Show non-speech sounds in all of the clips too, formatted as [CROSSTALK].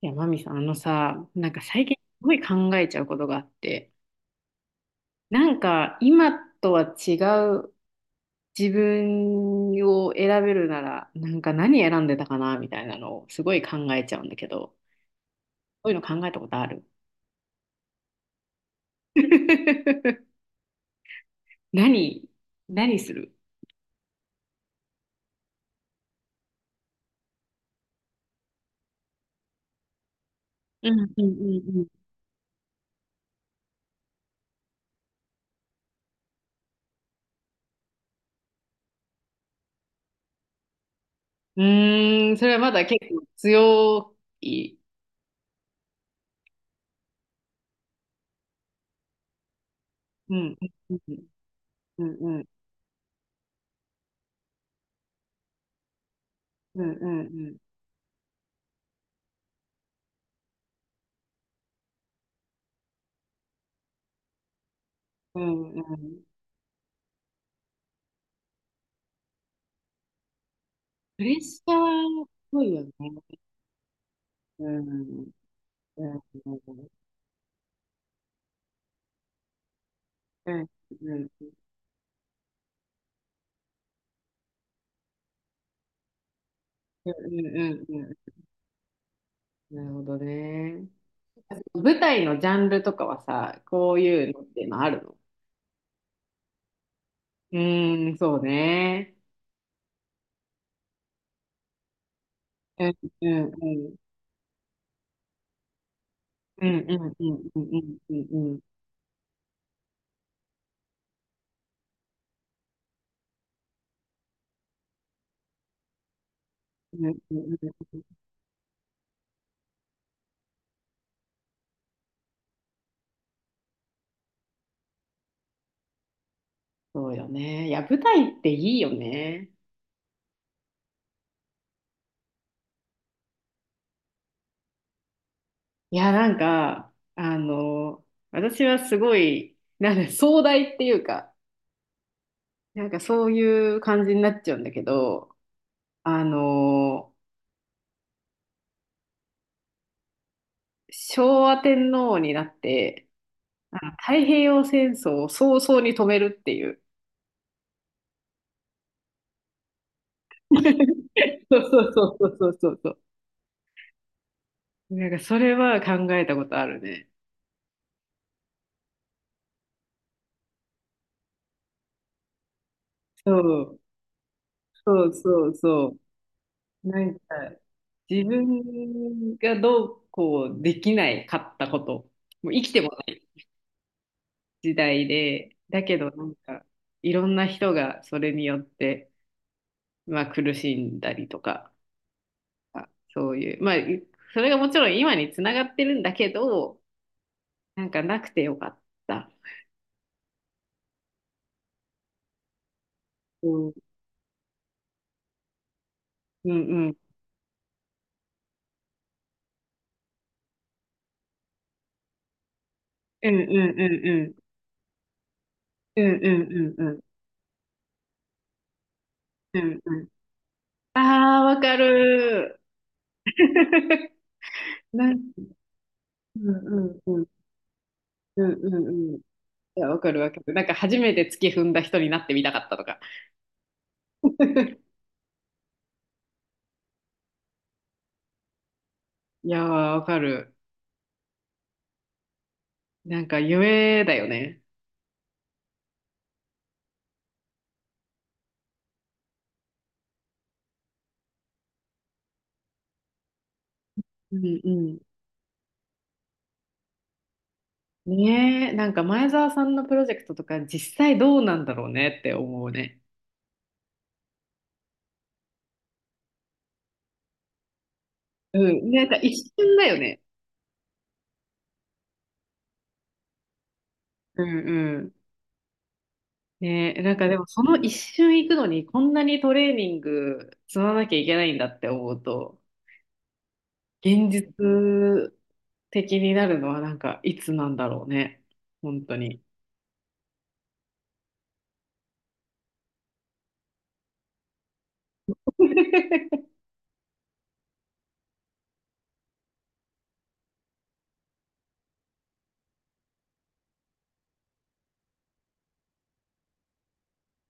いや、マミさん、あのさ、なんか最近すごい考えちゃうことがあって、なんか今とは違う自分を選べるなら、なんか何選んでたかなみたいなのをすごい考えちゃうんだけど、そういうの考えたことある？ [LAUGHS] 何何する？うん、うん、うん、うん。うーん、それはまだ結構強い。うん、うん、うん、うん、うん、うん、うん、うん、うん、うん。プレッシャーっぽいよね。うん、うん、うん、うん、うん、うん、なるほどね。舞台のジャンルとかはさ、こういうのっていうのあるの？うーん、そうね。うん、うん、うん、うん、うん、うん、うん、うん、うん、うん、うん。そうよね。いや、舞台っていいよね。いや、なんか、私はすごい、なんか壮大っていうか、なんかそういう感じになっちゃうんだけど、あの、昭和天皇になって、あの太平洋戦争を早々に止めるっていう。[LAUGHS] そう、そう、そう、そう、そう、そう。なんかそれは考えたことあるね。そう、そう、そう、そう。なんか自分がどうこうできないかったこと、もう生きてもない時代で、だけどなんかいろんな人がそれによって、まあ、苦しんだりとか、そういう、まあ、それがもちろん今につながってるんだけど、なんかなくてよかった。うん、うん、うん。うん、うん、うん、うん。うん、うん、うん、うん。うん、うん。ああ、わかるー。[LAUGHS] なん、うん、うん、うん。うん、うん、うん。いや、わかる、わかる。なんか初めて月踏んだ人になってみたかったとか。[LAUGHS] いやー、わかる。なんか夢だよね。うん、うん。ねえ、なんか前澤さんのプロジェクトとか実際どうなんだろうねって思うね。うん、なんか一瞬だよね。うん。ねえ、なんかでもその一瞬行くのにこんなにトレーニング積まなきゃいけないんだって思うと、現実的になるのはなんかいつなんだろうね。本当に。[LAUGHS]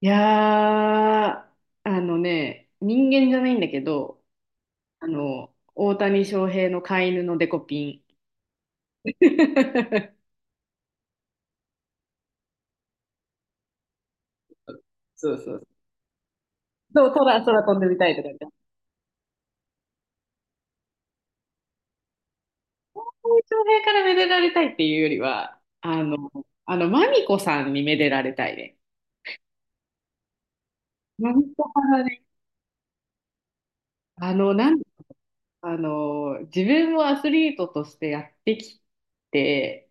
いやー、あのね、人間じゃないんだけど、大谷翔平の飼い犬のデコピン。[LAUGHS] そう、そう。そう、空飛んでみたいとか言って。翔平からめでられたいっていうよりは、マミコさんにめでられたいね。マミコからね、あの、なん、あの、自分もアスリートとしてやってきて、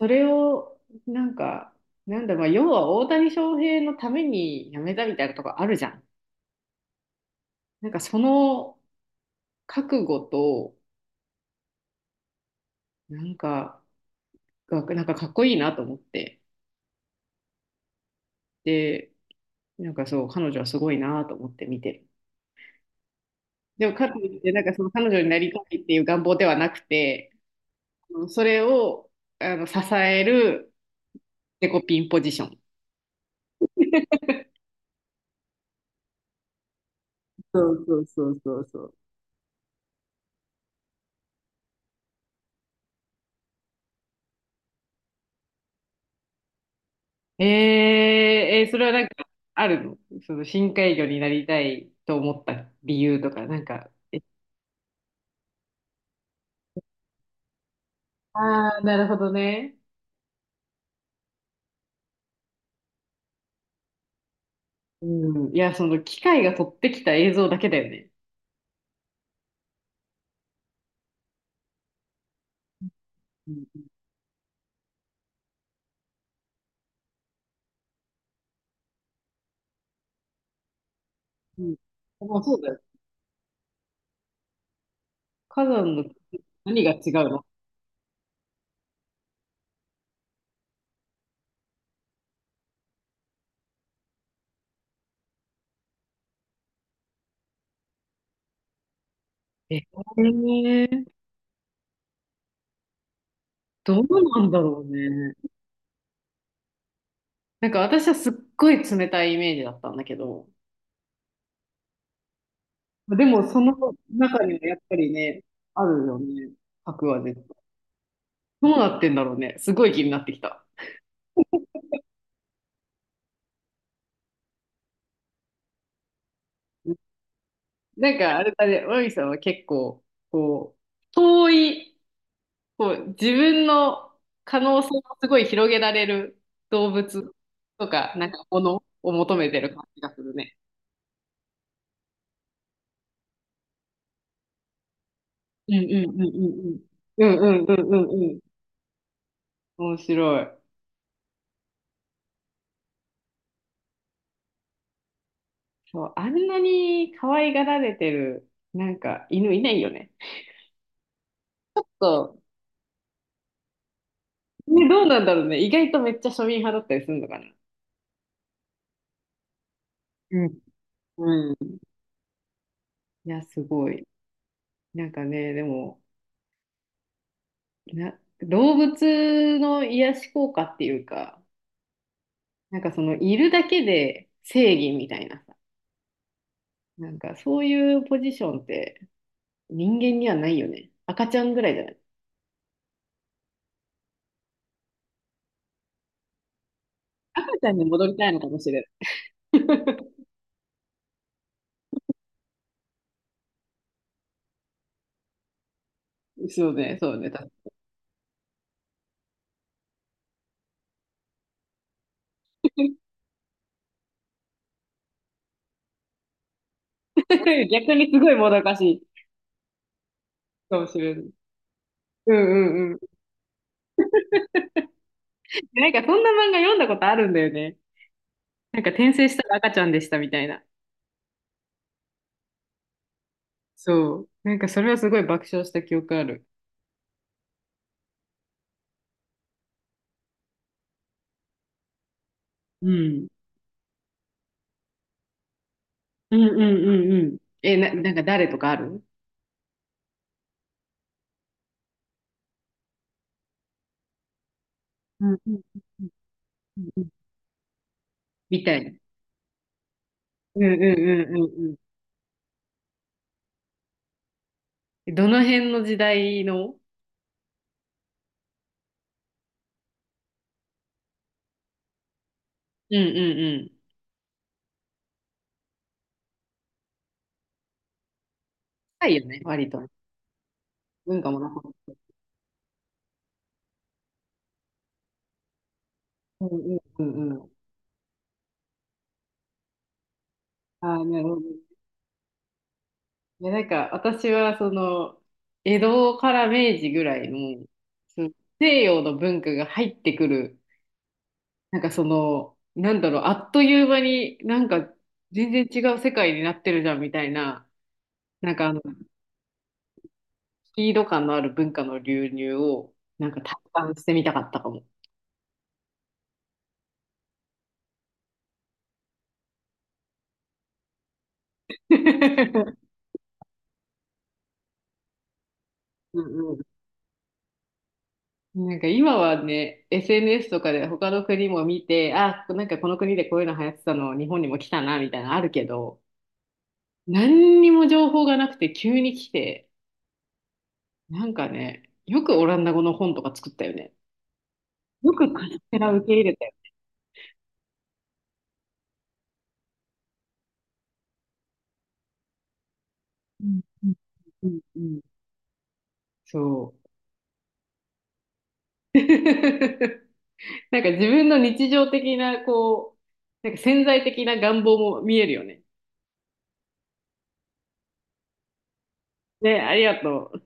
それを、なんか、なんだ、まあ、要は大谷翔平のために辞めたみたいなとこあるじゃん。なんかその覚悟と、なんか、が、なんかかっこいいなと思って。で、なんかそう、彼女はすごいなと思って見てる。でもかといって、なんかその彼女になりたいっていう願望ではなくて、うん、それを支えるデコピンポジション。そう、そう、そう、そう、そう。えー、それはなんかあるの？その深海魚になりたいと思った理由とか、なんか、ああ、なるほどね。うん、いや、その機械が撮ってきた映像だけだよね。うん、うん。まあ、そうだよ。火山の何が違うの？えーどうなんだろうね。なんか私はすっごい冷たいイメージだったんだけど、でもその中にはやっぱりね、あるよね、核は絶対。どうなってんだろうね、すごい気になってきた。なんかあれだね、マミさんは結構、遠い、自分の可能性をすごい広げられる動物とか、なんかものを求めてる感じがするね。うん、うん、うん、うん、うん。うん、うん、うん、うん、うん。面白い。そう、あんなに可愛がられてる、なんか犬いないよね。そう。ね、どうなんだろうね。意外とめっちゃ庶民派だったりするのかな。うん。うん。いや、すごい。なんかね、でも、動物の癒し効果っていうか、なんかその、いるだけで正義みたいなさ、なんかそういうポジションって人間にはないよね。赤ちゃんぐらいじゃない？赤ちゃんに戻りたいのかもしれない。そうね、そうね。多分 [LAUGHS] 逆にすごいもどかしいかもしれない。うん、うん、うん。でなんかそんな漫画読んだことあるんだよね。なんか転生したら赤ちゃんでしたみたいな。そう。なんかそれはすごい爆笑した記憶ある。うん。うん、うん、うん、うん。なんか誰とかある？うん、うん、うん、うん、うん。みたいな。うん、うん、うん、うん、うん。どの辺の時代の？うん、うん、うん。深いよね、割と。文化もなか。うん、うん、うん、うん。ああ、なるほどね。いや、なんか私はその、江戸から明治ぐらいの、その西洋の文化が入ってくるなんかその、なんだろう、あっという間になんか全然違う世界になってるじゃんみたいな、なんかスピード感のある文化の流入をなんか体感してみたかったかも。[LAUGHS] うん、うん [LAUGHS] なんか今はね、SNS とかで他の国も見て、あ、なんかこの国でこういうの流行ってたの、日本にも来たな、みたいなのあるけど、何にも情報がなくて急に来て、なんかね、よくオランダ語の本とか作ったよね。よくカステラ受け入れ。うん、うん、うん、うん、そう。[LAUGHS] なんか自分の日常的な、なんか潜在的な願望も見えるよね。ね、ありがとう。